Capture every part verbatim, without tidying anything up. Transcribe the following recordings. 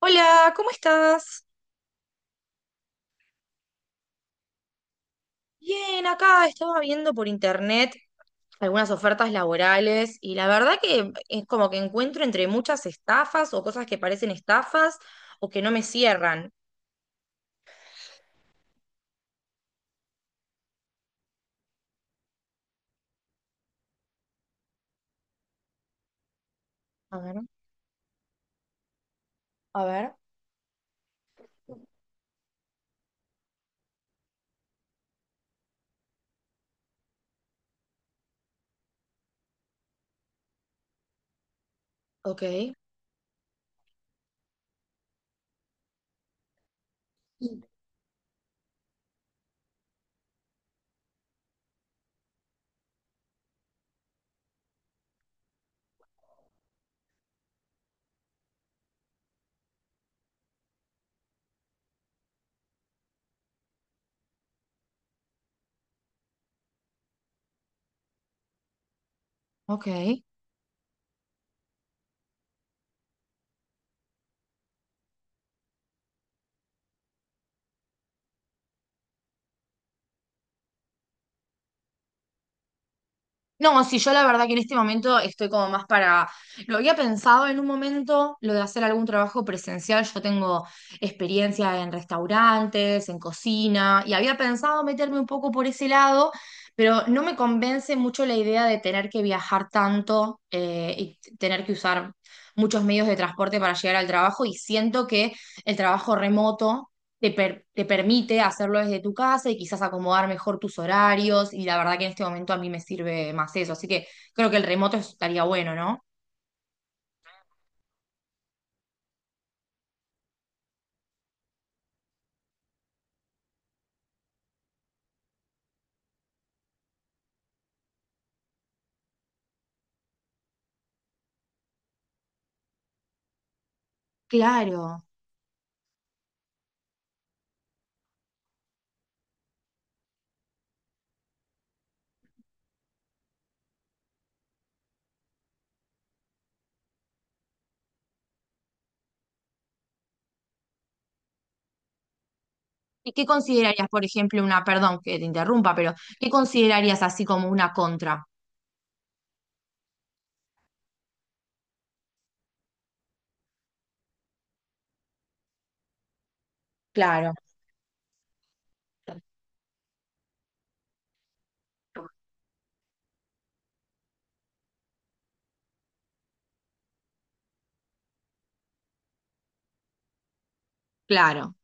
Hola, ¿cómo estás? Bien, acá estaba viendo por internet algunas ofertas laborales y la verdad que es como que encuentro entre muchas estafas o cosas que parecen estafas o que no me cierran. A ver, a ver. Ok, ok. No, sí, yo la verdad que en este momento estoy como más para. Lo había pensado en un momento, lo de hacer algún trabajo presencial. Yo tengo experiencia en restaurantes, en cocina, y había pensado meterme un poco por ese lado, pero no me convence mucho la idea de tener que viajar tanto eh, y t- tener que usar muchos medios de transporte para llegar al trabajo, y siento que el trabajo remoto te, per- te permite hacerlo desde tu casa y quizás acomodar mejor tus horarios y la verdad que en este momento a mí me sirve más eso, así que creo que el remoto estaría bueno, ¿no? Claro. ¿Y qué considerarías, por ejemplo, una, perdón que te interrumpa, pero qué considerarías así como una contra? Claro. Claro.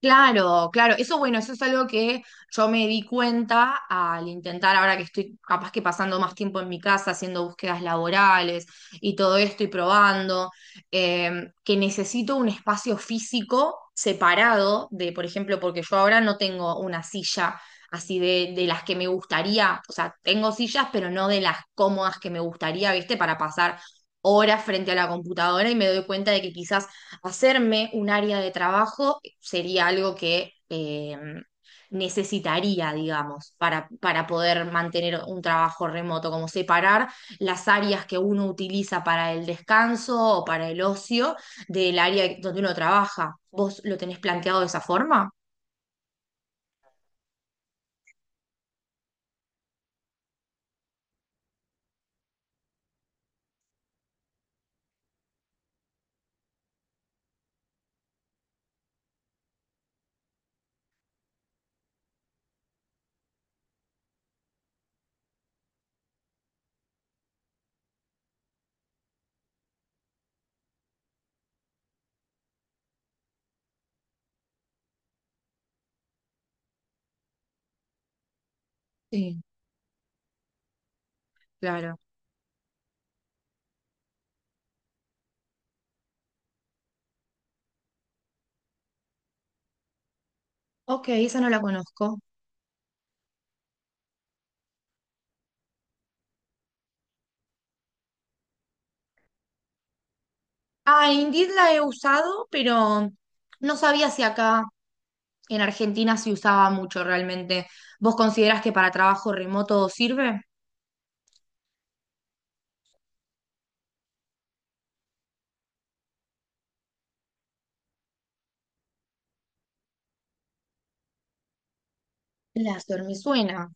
Claro, claro, eso bueno, eso es algo que yo me di cuenta al intentar, ahora que estoy capaz que pasando más tiempo en mi casa haciendo búsquedas laborales y todo esto y probando, eh, que necesito un espacio físico separado de, por ejemplo, porque yo ahora no tengo una silla así de, de las que me gustaría, o sea, tengo sillas, pero no de las cómodas que me gustaría, ¿viste? Para pasar horas frente a la computadora y me doy cuenta de que quizás hacerme un área de trabajo sería algo que eh, necesitaría, digamos, para, para poder mantener un trabajo remoto, como separar las áreas que uno utiliza para el descanso o para el ocio del área donde uno trabaja. ¿Vos lo tenés planteado de esa forma? Sí, claro. Ok, esa no la conozco. Ah, Indeed la he usado, pero no sabía si acá en Argentina se usaba mucho realmente. ¿Vos considerás que para trabajo remoto sirve? Glassdoor me suena.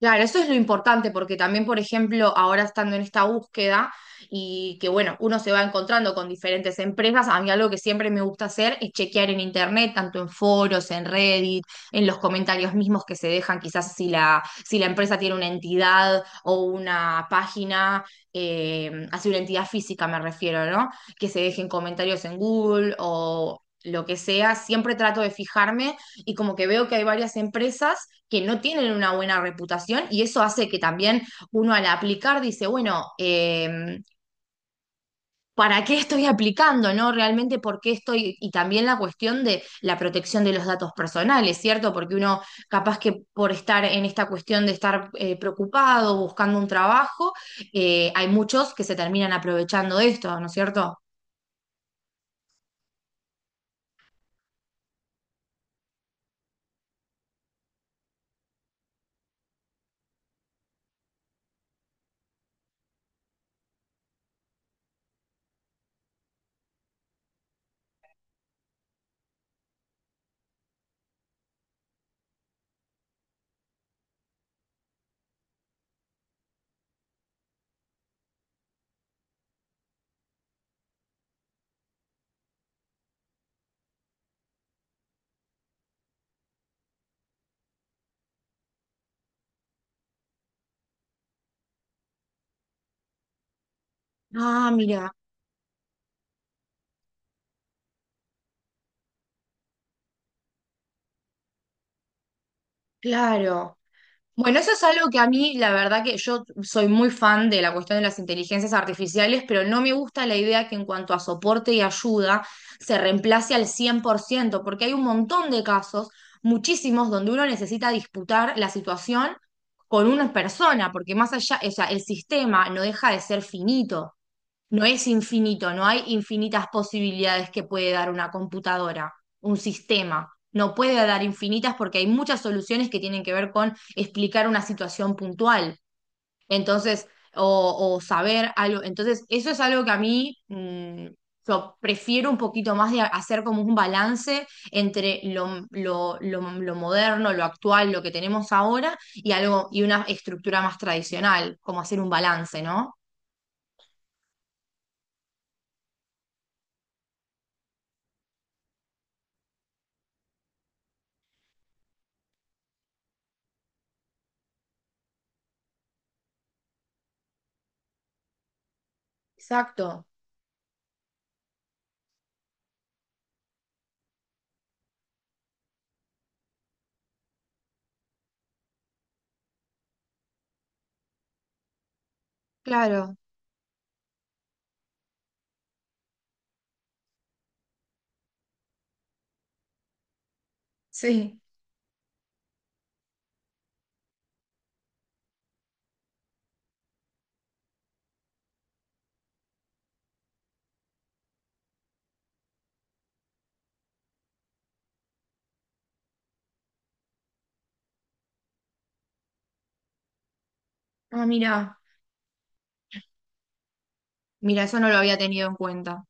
Claro, eso es lo importante, porque también, por ejemplo, ahora estando en esta búsqueda y que, bueno, uno se va encontrando con diferentes empresas, a mí algo que siempre me gusta hacer es chequear en internet, tanto en foros, en Reddit, en los comentarios mismos que se dejan, quizás si la, si la empresa tiene una entidad o una página, eh, así una entidad física me refiero, ¿no? Que se dejen comentarios en Google o lo que sea, siempre trato de fijarme y como que veo que hay varias empresas que no tienen una buena reputación y eso hace que también uno al aplicar dice, bueno, eh, ¿para qué estoy aplicando? ¿No? Realmente, ¿por qué estoy? Y también la cuestión de la protección de los datos personales, ¿cierto? Porque uno capaz que por estar en esta cuestión de estar eh, preocupado, buscando un trabajo, eh, hay muchos que se terminan aprovechando de esto, ¿no es cierto? Ah, mira, claro. Bueno, eso es algo que a mí, la verdad que yo soy muy fan de la cuestión de las inteligencias artificiales, pero no me gusta la idea que en cuanto a soporte y ayuda se reemplace al cien por ciento, porque hay un montón de casos, muchísimos, donde uno necesita disputar la situación con una persona, porque más allá, o sea, el sistema no deja de ser finito. No es infinito, no hay infinitas posibilidades que puede dar una computadora, un sistema. No puede dar infinitas porque hay muchas soluciones que tienen que ver con explicar una situación puntual. Entonces, o, o saber algo. Entonces, eso es algo que a mí, mm, yo prefiero un poquito más de hacer como un balance entre lo, lo, lo, lo moderno, lo actual, lo que tenemos ahora y algo, y una estructura más tradicional, como hacer un balance, ¿no? Exacto. Claro, Sí. Ah, mira. Mira, eso no lo había tenido en cuenta.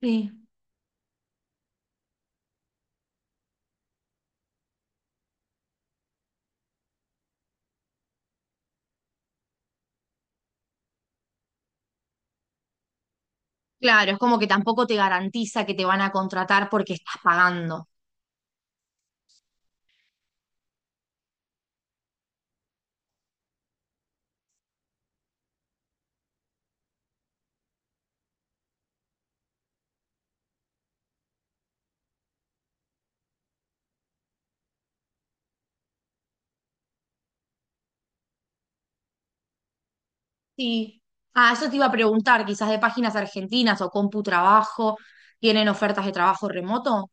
Sí. Claro, es como que tampoco te garantiza que te van a contratar porque estás pagando. Sí. Ah, eso te iba a preguntar, quizás de páginas argentinas o CompuTrabajo, ¿tienen ofertas de trabajo remoto?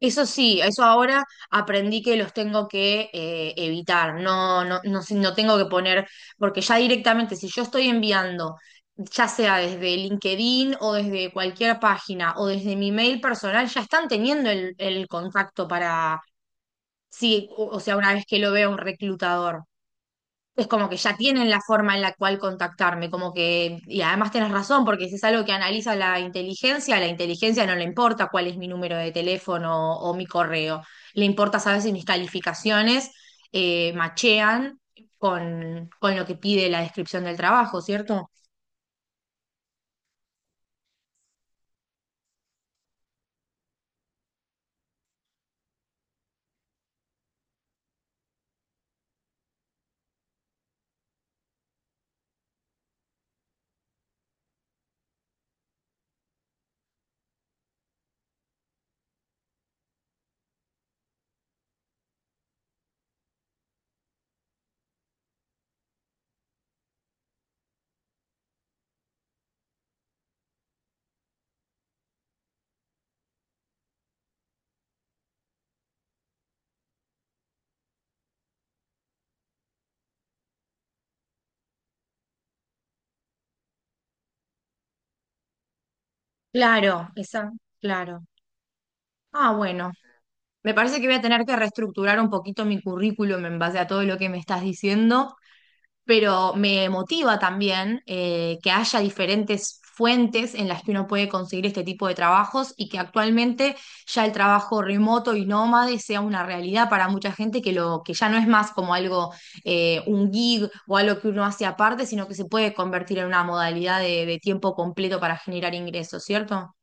Eso sí, eso ahora aprendí que los tengo que eh, evitar, no, no, no, si- no tengo que poner, porque ya directamente, si yo estoy enviando, ya sea desde LinkedIn o desde cualquier página o desde mi mail personal, ya están teniendo el, el contacto para, sí, o o sea, una vez que lo vea un reclutador es como que ya tienen la forma en la cual contactarme, como que, y además tenés razón, porque si es algo que analiza la inteligencia, a la inteligencia no le importa cuál es mi número de teléfono o, mi correo, le importa saber si mis calificaciones eh, machean con, con lo que pide la descripción del trabajo, ¿cierto? Claro, esa, claro. Ah, bueno, me parece que voy a tener que reestructurar un poquito mi currículum en base a todo lo que me estás diciendo pero me motiva también eh, que haya diferentes fuentes en las que uno puede conseguir este tipo de trabajos y que actualmente ya el trabajo remoto y nómade sea una realidad para mucha gente que lo que ya no es más como algo eh, un gig o algo que uno hace aparte, sino que se puede convertir en una modalidad de, de tiempo completo para generar ingresos, ¿cierto?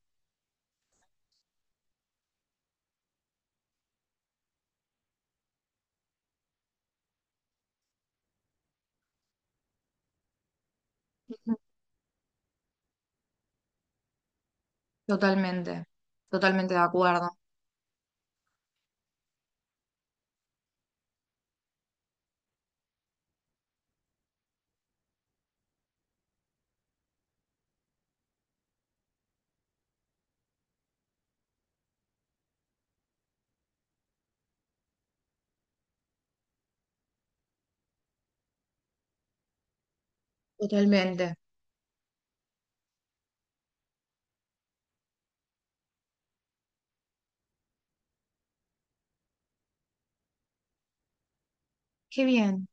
Ujú. Totalmente, totalmente de acuerdo. Totalmente. Qué bien.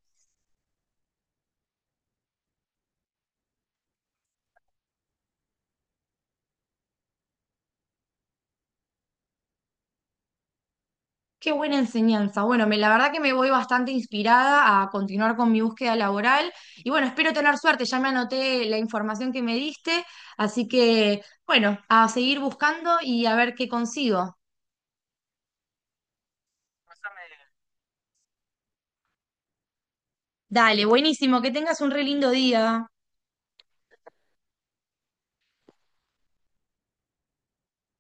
Qué buena enseñanza. Bueno, me, la verdad que me voy bastante inspirada a continuar con mi búsqueda laboral y bueno, espero tener suerte. Ya me anoté la información que me diste, así que bueno, a seguir buscando y a ver qué consigo. Dale, buenísimo, que tengas un re lindo día.